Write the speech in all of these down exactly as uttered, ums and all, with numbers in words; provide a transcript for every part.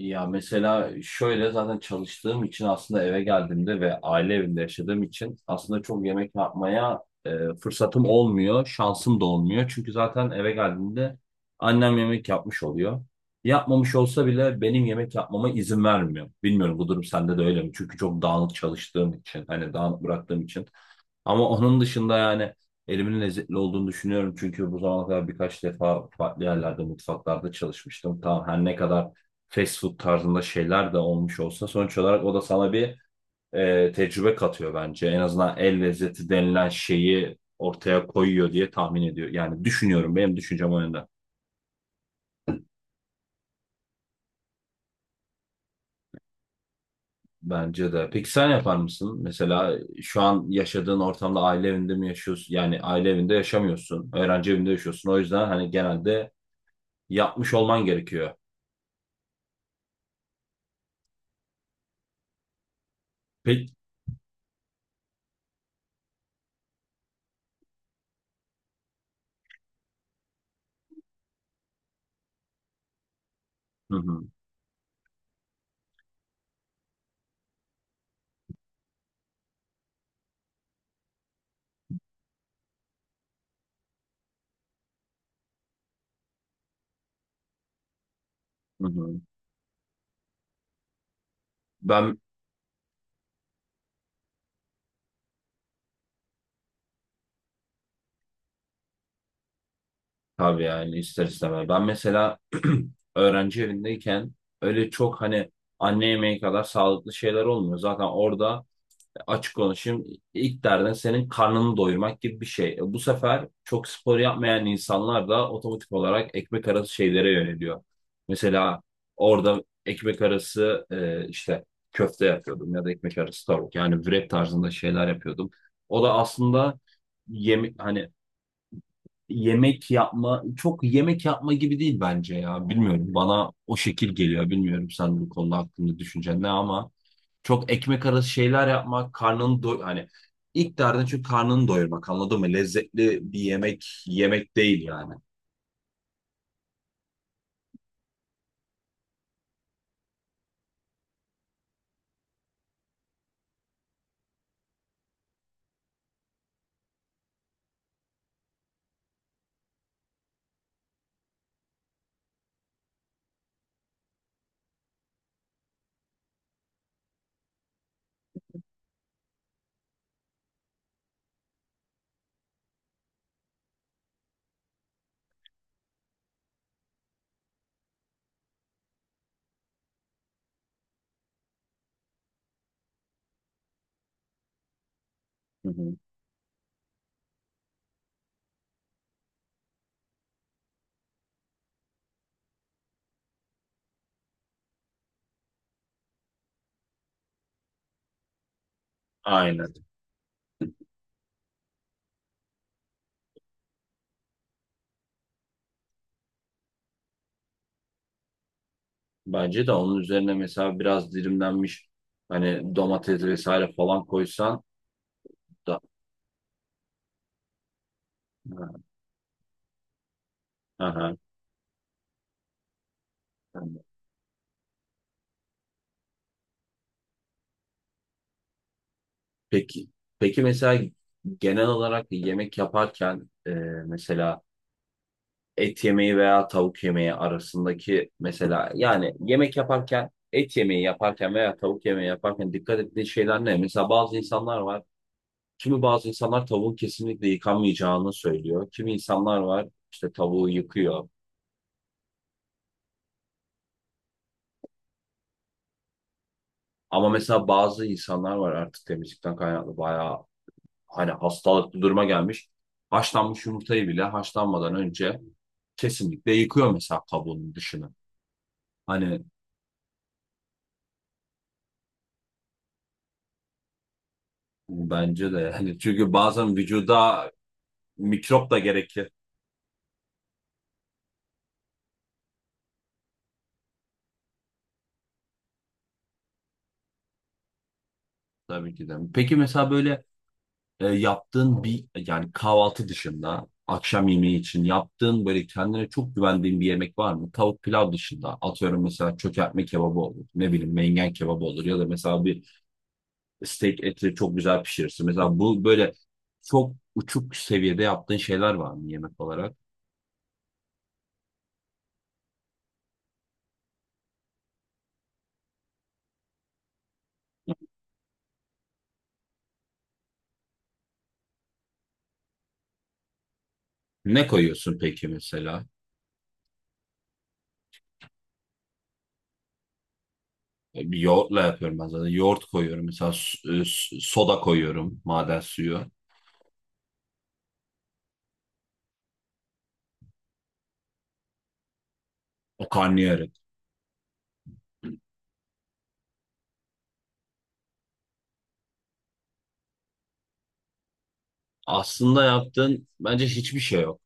Ya mesela şöyle zaten çalıştığım için aslında eve geldiğimde ve aile evinde yaşadığım için aslında çok yemek yapmaya e, fırsatım olmuyor, şansım da olmuyor. Çünkü zaten eve geldiğimde annem yemek yapmış oluyor. Yapmamış olsa bile benim yemek yapmama izin vermiyor. Bilmiyorum bu durum sende de öyle mi? Çünkü çok dağınık çalıştığım için, hani dağınık bıraktığım için. Ama onun dışında yani elimin lezzetli olduğunu düşünüyorum. Çünkü bu zamana kadar birkaç defa farklı yerlerde, mutfaklarda çalışmıştım. Tamam her ne kadar fast food tarzında şeyler de olmuş olsa sonuç olarak o da sana bir e, tecrübe katıyor bence. En azından el lezzeti denilen şeyi ortaya koyuyor diye tahmin ediyor. Yani düşünüyorum. Benim düşüncem o yönde. Bence de. Peki sen yapar mısın? Mesela şu an yaşadığın ortamda aile evinde mi yaşıyorsun? Yani aile evinde yaşamıyorsun. Öğrenci evinde yaşıyorsun. O yüzden hani genelde yapmış olman gerekiyor. Peki. Hı hı, hı hı. Ben tabii yani ister istemez. Ben mesela öğrenci evindeyken öyle çok hani anne yemeği kadar sağlıklı şeyler olmuyor. Zaten orada açık konuşayım. İlk derdin senin karnını doyurmak gibi bir şey. E, Bu sefer çok spor yapmayan insanlar da otomatik olarak ekmek arası şeylere yöneliyor. Mesela orada ekmek arası e, işte köfte yapıyordum ya da ekmek arası tavuk. Yani wrap tarzında şeyler yapıyordum. O da aslında yemek hani yemek yapma çok yemek yapma gibi değil bence ya. Bilmiyorum bana o şekil geliyor. Bilmiyorum sen bu konuda hakkında düşüncen ne ama çok ekmek arası şeyler yapmak, karnını doy hani ilk derdin çünkü karnını doyurmak anladın mı? Lezzetli bir yemek yemek değil yani. Hı hı. Aynen. Bence de onun üzerine mesela biraz dilimlenmiş hani domates vesaire falan koysan da. Ha hı. Peki. Peki mesela genel olarak yemek yaparken e, mesela et yemeği veya tavuk yemeği arasındaki mesela yani yemek yaparken et yemeği yaparken veya tavuk yemeği yaparken dikkat ettiği şeyler ne? Mesela bazı insanlar var. Kimi bazı insanlar tavuğun kesinlikle yıkanmayacağını söylüyor. Kimi insanlar var işte tavuğu yıkıyor. Ama mesela bazı insanlar var artık temizlikten kaynaklı bayağı hani hastalıklı duruma gelmiş. Haşlanmış yumurtayı bile haşlanmadan önce kesinlikle yıkıyor mesela kabuğunun dışını. Hani bence de yani çünkü bazen vücuda mikrop da gerekir tabii ki de. Peki mesela böyle e, yaptığın bir yani kahvaltı dışında akşam yemeği için yaptığın böyle kendine çok güvendiğin bir yemek var mı? Tavuk pilav dışında atıyorum mesela çökertme kebabı olur. Ne bileyim mengen kebabı olur ya da mesela bir steak eti çok güzel pişirirsin. Mesela bu böyle çok uçuk seviyede yaptığın şeyler var mı yemek olarak? Ne koyuyorsun peki mesela? E, Bir yoğurtla yapıyorum ben zaten. Yoğurt koyuyorum mesela su- e, su- soda koyuyorum maden suyu. O aslında yaptığın bence hiçbir şey yok.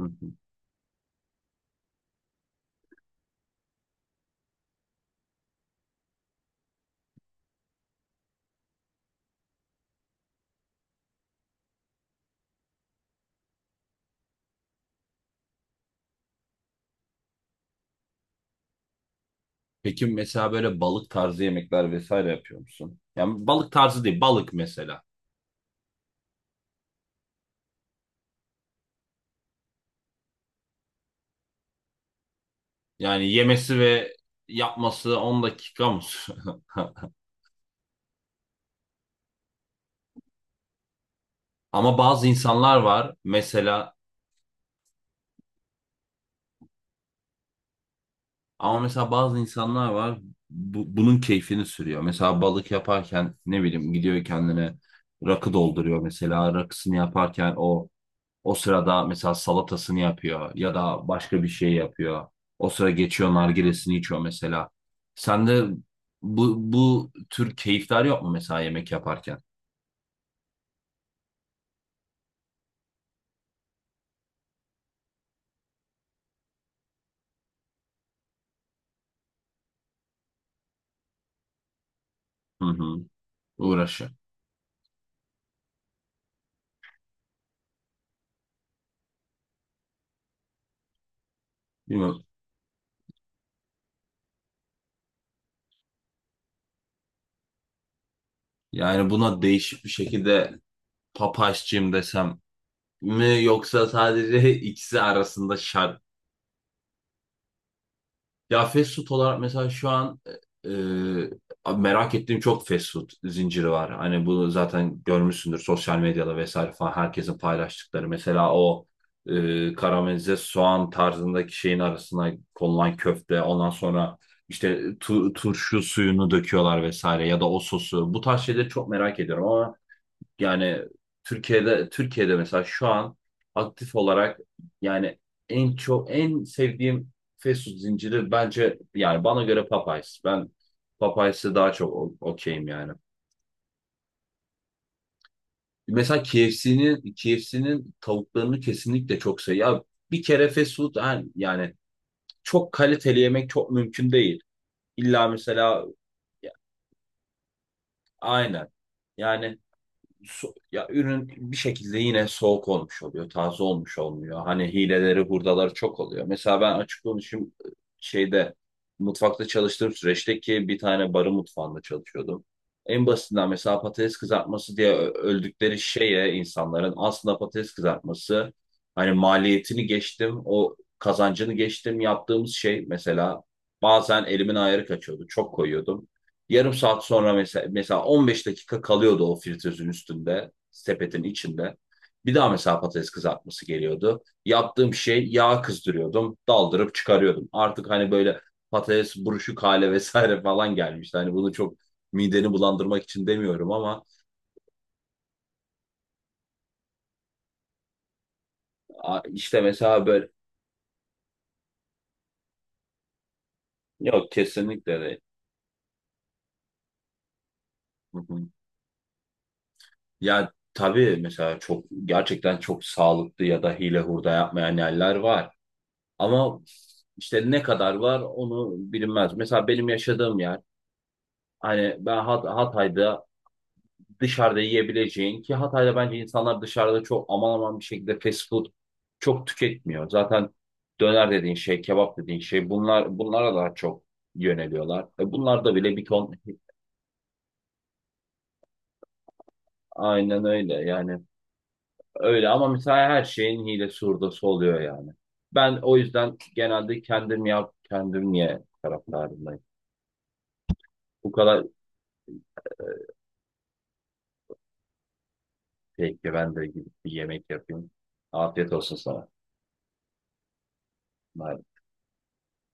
Hı hı. Peki mesela böyle balık tarzı yemekler vesaire yapıyor musun? Yani balık tarzı değil, balık mesela. Yani yemesi ve yapması on dakika mı sürüyor? Ama bazı insanlar var mesela ama mesela bazı insanlar var bu- bunun keyfini sürüyor. Mesela balık yaparken ne bileyim gidiyor kendine rakı dolduruyor mesela rakısını yaparken o O sırada mesela salatasını yapıyor ya da başka bir şey yapıyor. O sıra geçiyor nargilesini içiyor mesela. Sende bu, bu tür keyifler yok mu mesela yemek yaparken? Hı hı. Uğraşı. Bilmiyorum. Yani buna değişik bir şekilde papaşçıyım desem mi yoksa sadece ikisi arasında şar. Ya fast food olarak mesela şu an e, e, merak ettiğim çok fast food zinciri var. Hani bunu zaten görmüşsündür sosyal medyada vesaire falan herkesin paylaştıkları. Mesela o e, karamelize soğan tarzındaki şeyin arasına konulan köfte. Ondan sonra işte tu- turşu suyunu döküyorlar vesaire ya da o sosu. Bu tarz şeyleri çok merak ediyorum ama yani Türkiye'de Türkiye'de mesela şu an aktif olarak yani en çok en sevdiğim fast food zinciri bence yani bana göre Popeyes. Ben Popeyes'e daha çok o- okeyim yani. Mesela K F C'nin K F C'nin tavuklarını kesinlikle çok seviyorum. Ya bir kere fast food yani, yani çok kaliteli yemek çok mümkün değil. İlla mesela aynen. Yani so- ya ürün bir şekilde yine soğuk olmuş oluyor, taze olmuş olmuyor. Hani hileleri, hurdaları çok oluyor. Mesela ben açık konuşayım şeyde mutfakta çalıştığım süreçte ki bir tane barın mutfağında çalışıyordum. En basitinden mesela patates kızartması diye ö- öldükleri şeye insanların aslında patates kızartması hani maliyetini geçtim, o kazancını geçtim yaptığımız şey mesela bazen elimin ayarı kaçıyordu. Çok koyuyordum. Yarım saat sonra mesela, mesela on beş dakika kalıyordu o fritözün üstünde, sepetin içinde. Bir daha mesela patates kızartması geliyordu. Yaptığım şey yağ kızdırıyordum, daldırıp çıkarıyordum. Artık hani böyle patates buruşuk hale vesaire falan gelmişti. Hani bunu çok mideni bulandırmak için demiyorum ama a- işte mesela böyle yok kesinlikle değil. Hı hı. Ya tabii mesela çok gerçekten çok sağlıklı ya da hile hurda yapmayan yerler var. Ama işte ne kadar var onu bilinmez. Mesela benim yaşadığım yer hani ben Hat- Hatay'da dışarıda yiyebileceğin ki Hatay'da bence insanlar dışarıda çok aman aman bir şekilde fast food çok tüketmiyor. Zaten döner dediğin şey, kebap dediğin şey bunlar bunlara daha çok yöneliyorlar. E bunlar da bile bir ton aynen öyle yani öyle ama mesela her şeyin hilesi hurdası oluyor yani. Ben o yüzden genelde kendim yap, kendim ye taraftarındayım. Bu kadar. Peki ben de gidip bir yemek yapayım. Afiyet olsun sana. Bye.